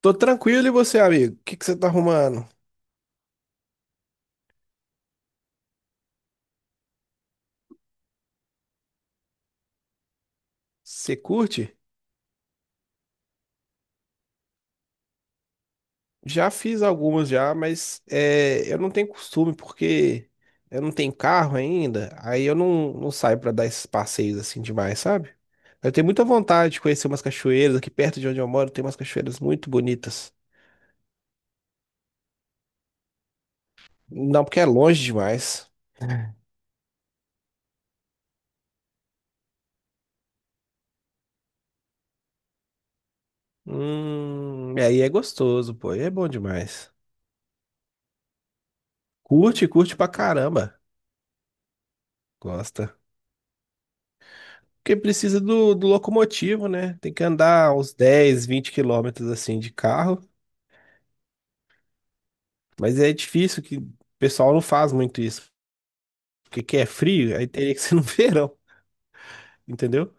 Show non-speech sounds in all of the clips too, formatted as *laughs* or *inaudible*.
Tô tranquilo e você, amigo? O que que você tá arrumando? Você curte? Já fiz algumas já, mas é, eu não tenho costume porque eu não tenho carro ainda, aí eu não saio pra dar esses passeios assim demais, sabe? Eu tenho muita vontade de conhecer umas cachoeiras, aqui perto de onde eu moro tem umas cachoeiras muito bonitas. Não, porque é longe demais. Aí é gostoso, pô, aí é bom demais. Curte, curte pra caramba. Gosta. Porque precisa do locomotivo, né? Tem que andar uns 10, 20 quilômetros assim de carro. Mas é difícil que o pessoal não faz muito isso. Porque que é frio, aí teria que ser no *laughs* verão, entendeu?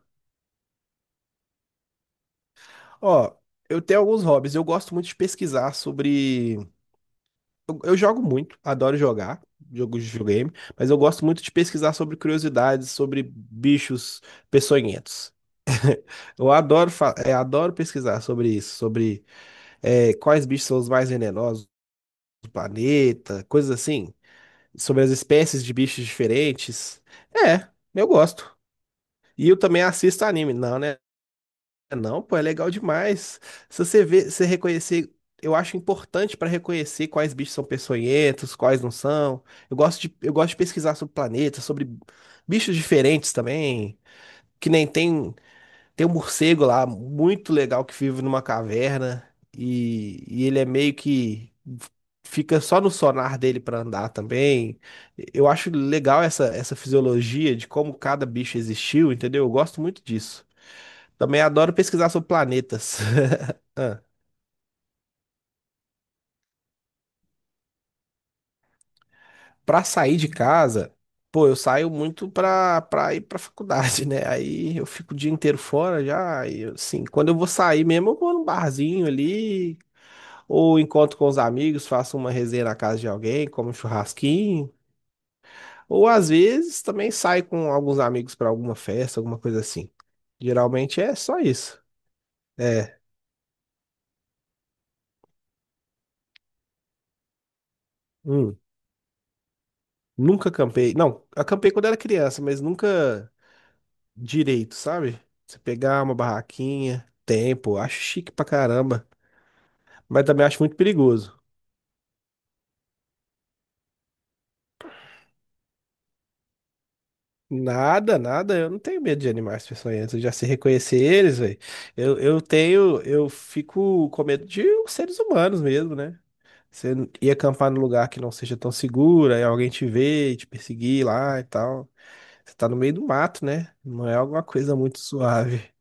Ó, eu tenho alguns hobbies. Eu gosto muito de pesquisar sobre. Eu jogo muito, adoro jogar. Jogo de videogame, mas eu gosto muito de pesquisar sobre curiosidades, sobre bichos peçonhentos. Eu adoro, adoro pesquisar sobre isso, sobre quais bichos são os mais venenosos do planeta, coisas assim, sobre as espécies de bichos diferentes. É, eu gosto. E eu também assisto anime. Não, né? Não, pô, é legal demais. Se você ver, você reconhecer, eu acho importante para reconhecer quais bichos são peçonhentos, quais não são. Eu gosto de pesquisar sobre planetas, sobre bichos diferentes também, que nem tem. Tem um morcego lá, muito legal, que vive numa caverna. E ele é meio que. Fica só no sonar dele pra andar também. Eu acho legal essa fisiologia de como cada bicho existiu, entendeu? Eu gosto muito disso. Também adoro pesquisar sobre planetas. *laughs* Ah, pra sair de casa, pô, eu saio muito pra ir pra faculdade, né? Aí eu fico o dia inteiro fora já. E assim, quando eu vou sair mesmo, eu vou num barzinho ali ou encontro com os amigos, faço uma resenha na casa de alguém, como um churrasquinho. Ou às vezes também saio com alguns amigos para alguma festa, alguma coisa assim. Geralmente é só isso. É, hum, nunca acampei. Não, acampei quando era criança, mas nunca direito, sabe? Você pegar uma barraquinha, tempo, acho chique pra caramba, mas também acho muito perigoso. Nada, nada, eu não tenho medo de animais peçonhentos, eu já sei reconhecer eles, velho. Eu fico com medo de os seres humanos mesmo, né? Ir acampar num lugar que não seja tão seguro, aí alguém te vê, e te perseguir lá e tal. Você tá no meio do mato, né? Não é alguma coisa muito suave.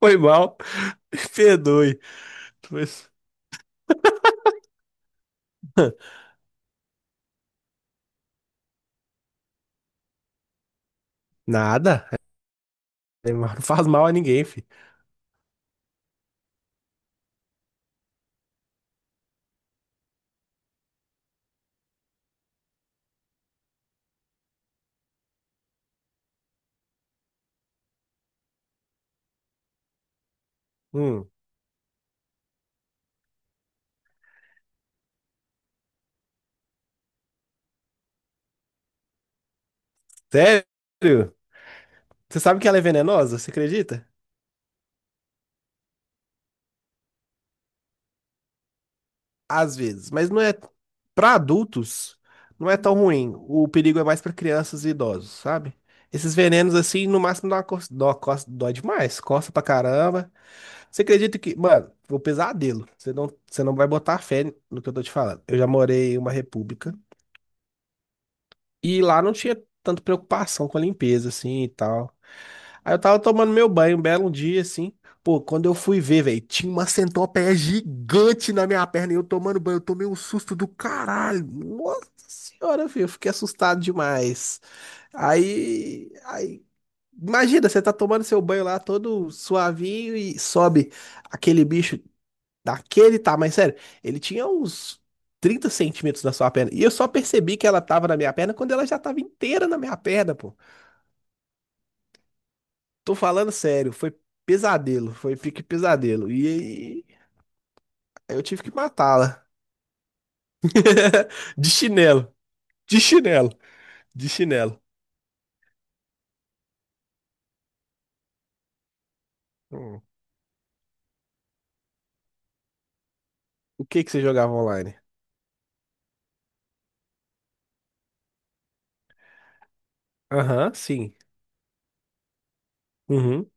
Foi mal, *laughs* me perdoe. Mas- *laughs* Nada. Neymar não *laughs* faz mal a ninguém, filho. Hum, sério? Você sabe que ela é venenosa? Você acredita? Às vezes, mas não é para adultos, não é tão ruim. O perigo é mais para crianças e idosos, sabe? Esses venenos assim, no máximo dá uma dó, dói demais, coça pra caramba. Você acredita que, mano, vou pesadelo. Você não vai botar fé no que eu tô te falando. Eu já morei em uma república e lá não tinha tanta preocupação com a limpeza, assim, e tal. Aí eu tava tomando meu banho um belo dia, assim. Pô, quando eu fui ver, velho, tinha uma centopeia gigante na minha perna e eu tomando banho. Eu tomei um susto do caralho. Nossa senhora, filho, eu fiquei assustado demais. Aí, aí, imagina, você tá tomando seu banho lá todo suavinho e sobe aquele bicho daquele tá tamanho, sério. Ele tinha uns 30 centímetros na sua perna. E eu só percebi que ela tava na minha perna quando ela já tava inteira na minha perna, pô. Tô falando sério, foi pesadelo, foi pique pesadelo. E aí eu tive que matá-la. *laughs* De chinelo, de chinelo, de chinelo. Hum. O que que você jogava online? Aham, sim. Uhum.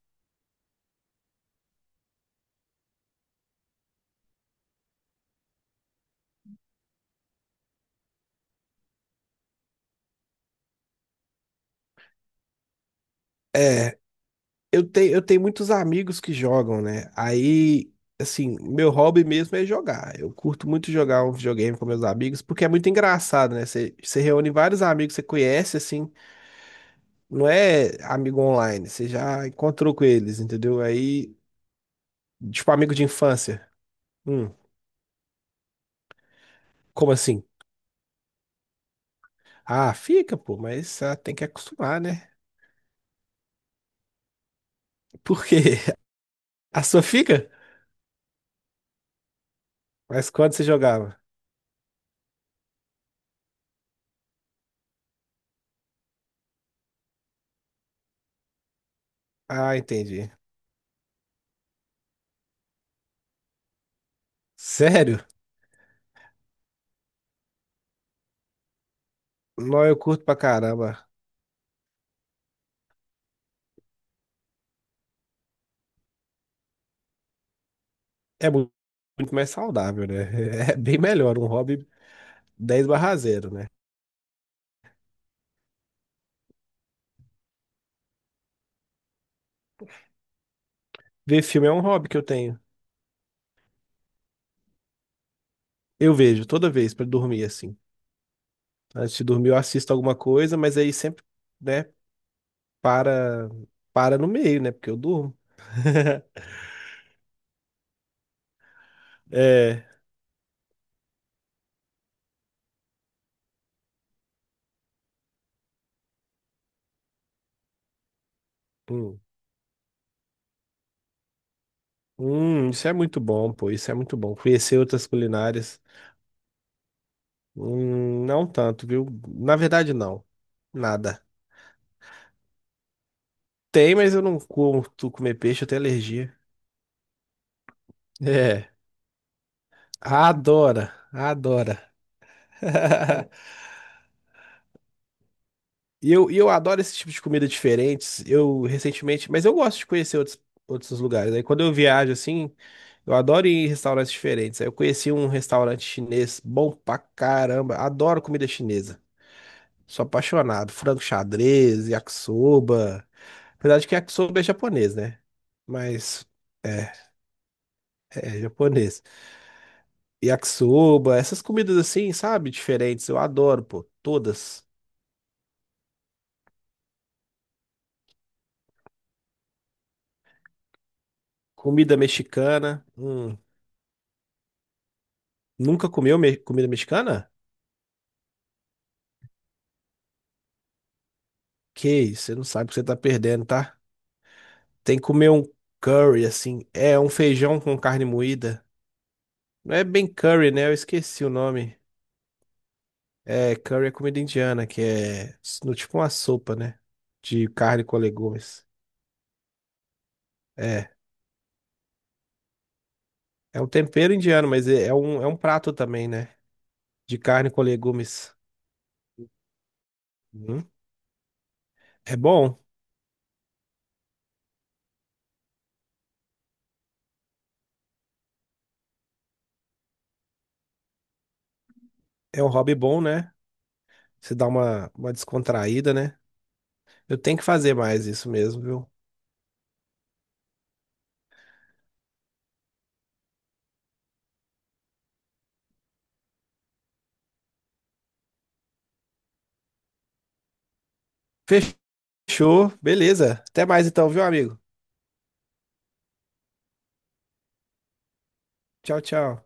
É. Eu tenho muitos amigos que jogam, né? Aí, assim, meu hobby mesmo é jogar. Eu curto muito jogar um videogame com meus amigos, porque é muito engraçado, né? Você reúne vários amigos que você conhece, assim, não é amigo online, você já encontrou com eles, entendeu? Aí, tipo, amigo de infância. Hum, como assim? Ah, fica, pô, mas tem que acostumar, né? Por quê? *laughs* A sua fica? Mas quando você jogava? Ah, entendi. Sério? Não, eu curto pra caramba. É muito mais saudável, né? *laughs* É bem melhor, um hobby dez barra 0, né? Ver filme é um hobby que eu tenho. Eu vejo toda vez pra dormir, assim. Antes de dormir eu assisto alguma coisa, mas aí sempre, né, para, para no meio, né? Porque eu durmo. *laughs* É, hum, isso é muito bom, pô, isso é muito bom. Conhecer outras culinárias, não tanto, viu? Na verdade, não. Nada. Tem, mas eu não curto comer peixe, eu tenho alergia. É, adora, adora. *laughs* E eu adoro esse tipo de comida diferentes. Eu recentemente, mas eu gosto de conhecer outros lugares. Aí quando eu viajo assim, eu adoro ir em restaurantes diferentes. Aí eu conheci um restaurante chinês bom pra caramba. Adoro comida chinesa. Sou apaixonado. Frango xadrez, yakisoba. Apesar de que yakisoba é japonês, né? Mas é, é japonês. Yakisoba, essas comidas assim, sabe? Diferentes. Eu adoro, pô. Todas. Comida mexicana. Nunca comeu comida mexicana? Que isso, você não sabe o que você tá perdendo, tá? Tem que comer um curry, assim. É um feijão com carne moída. Não é bem curry, né? Eu esqueci o nome. É, curry é comida indiana, que é no, tipo uma sopa, né? De carne com legumes. É, é um tempero indiano, mas é um prato também, né? De carne com legumes. Uhum. É bom, é um hobby bom, né? Você dá uma descontraída, né? Eu tenho que fazer mais isso mesmo, viu? Show, beleza. Até mais então, viu, amigo? Tchau, tchau.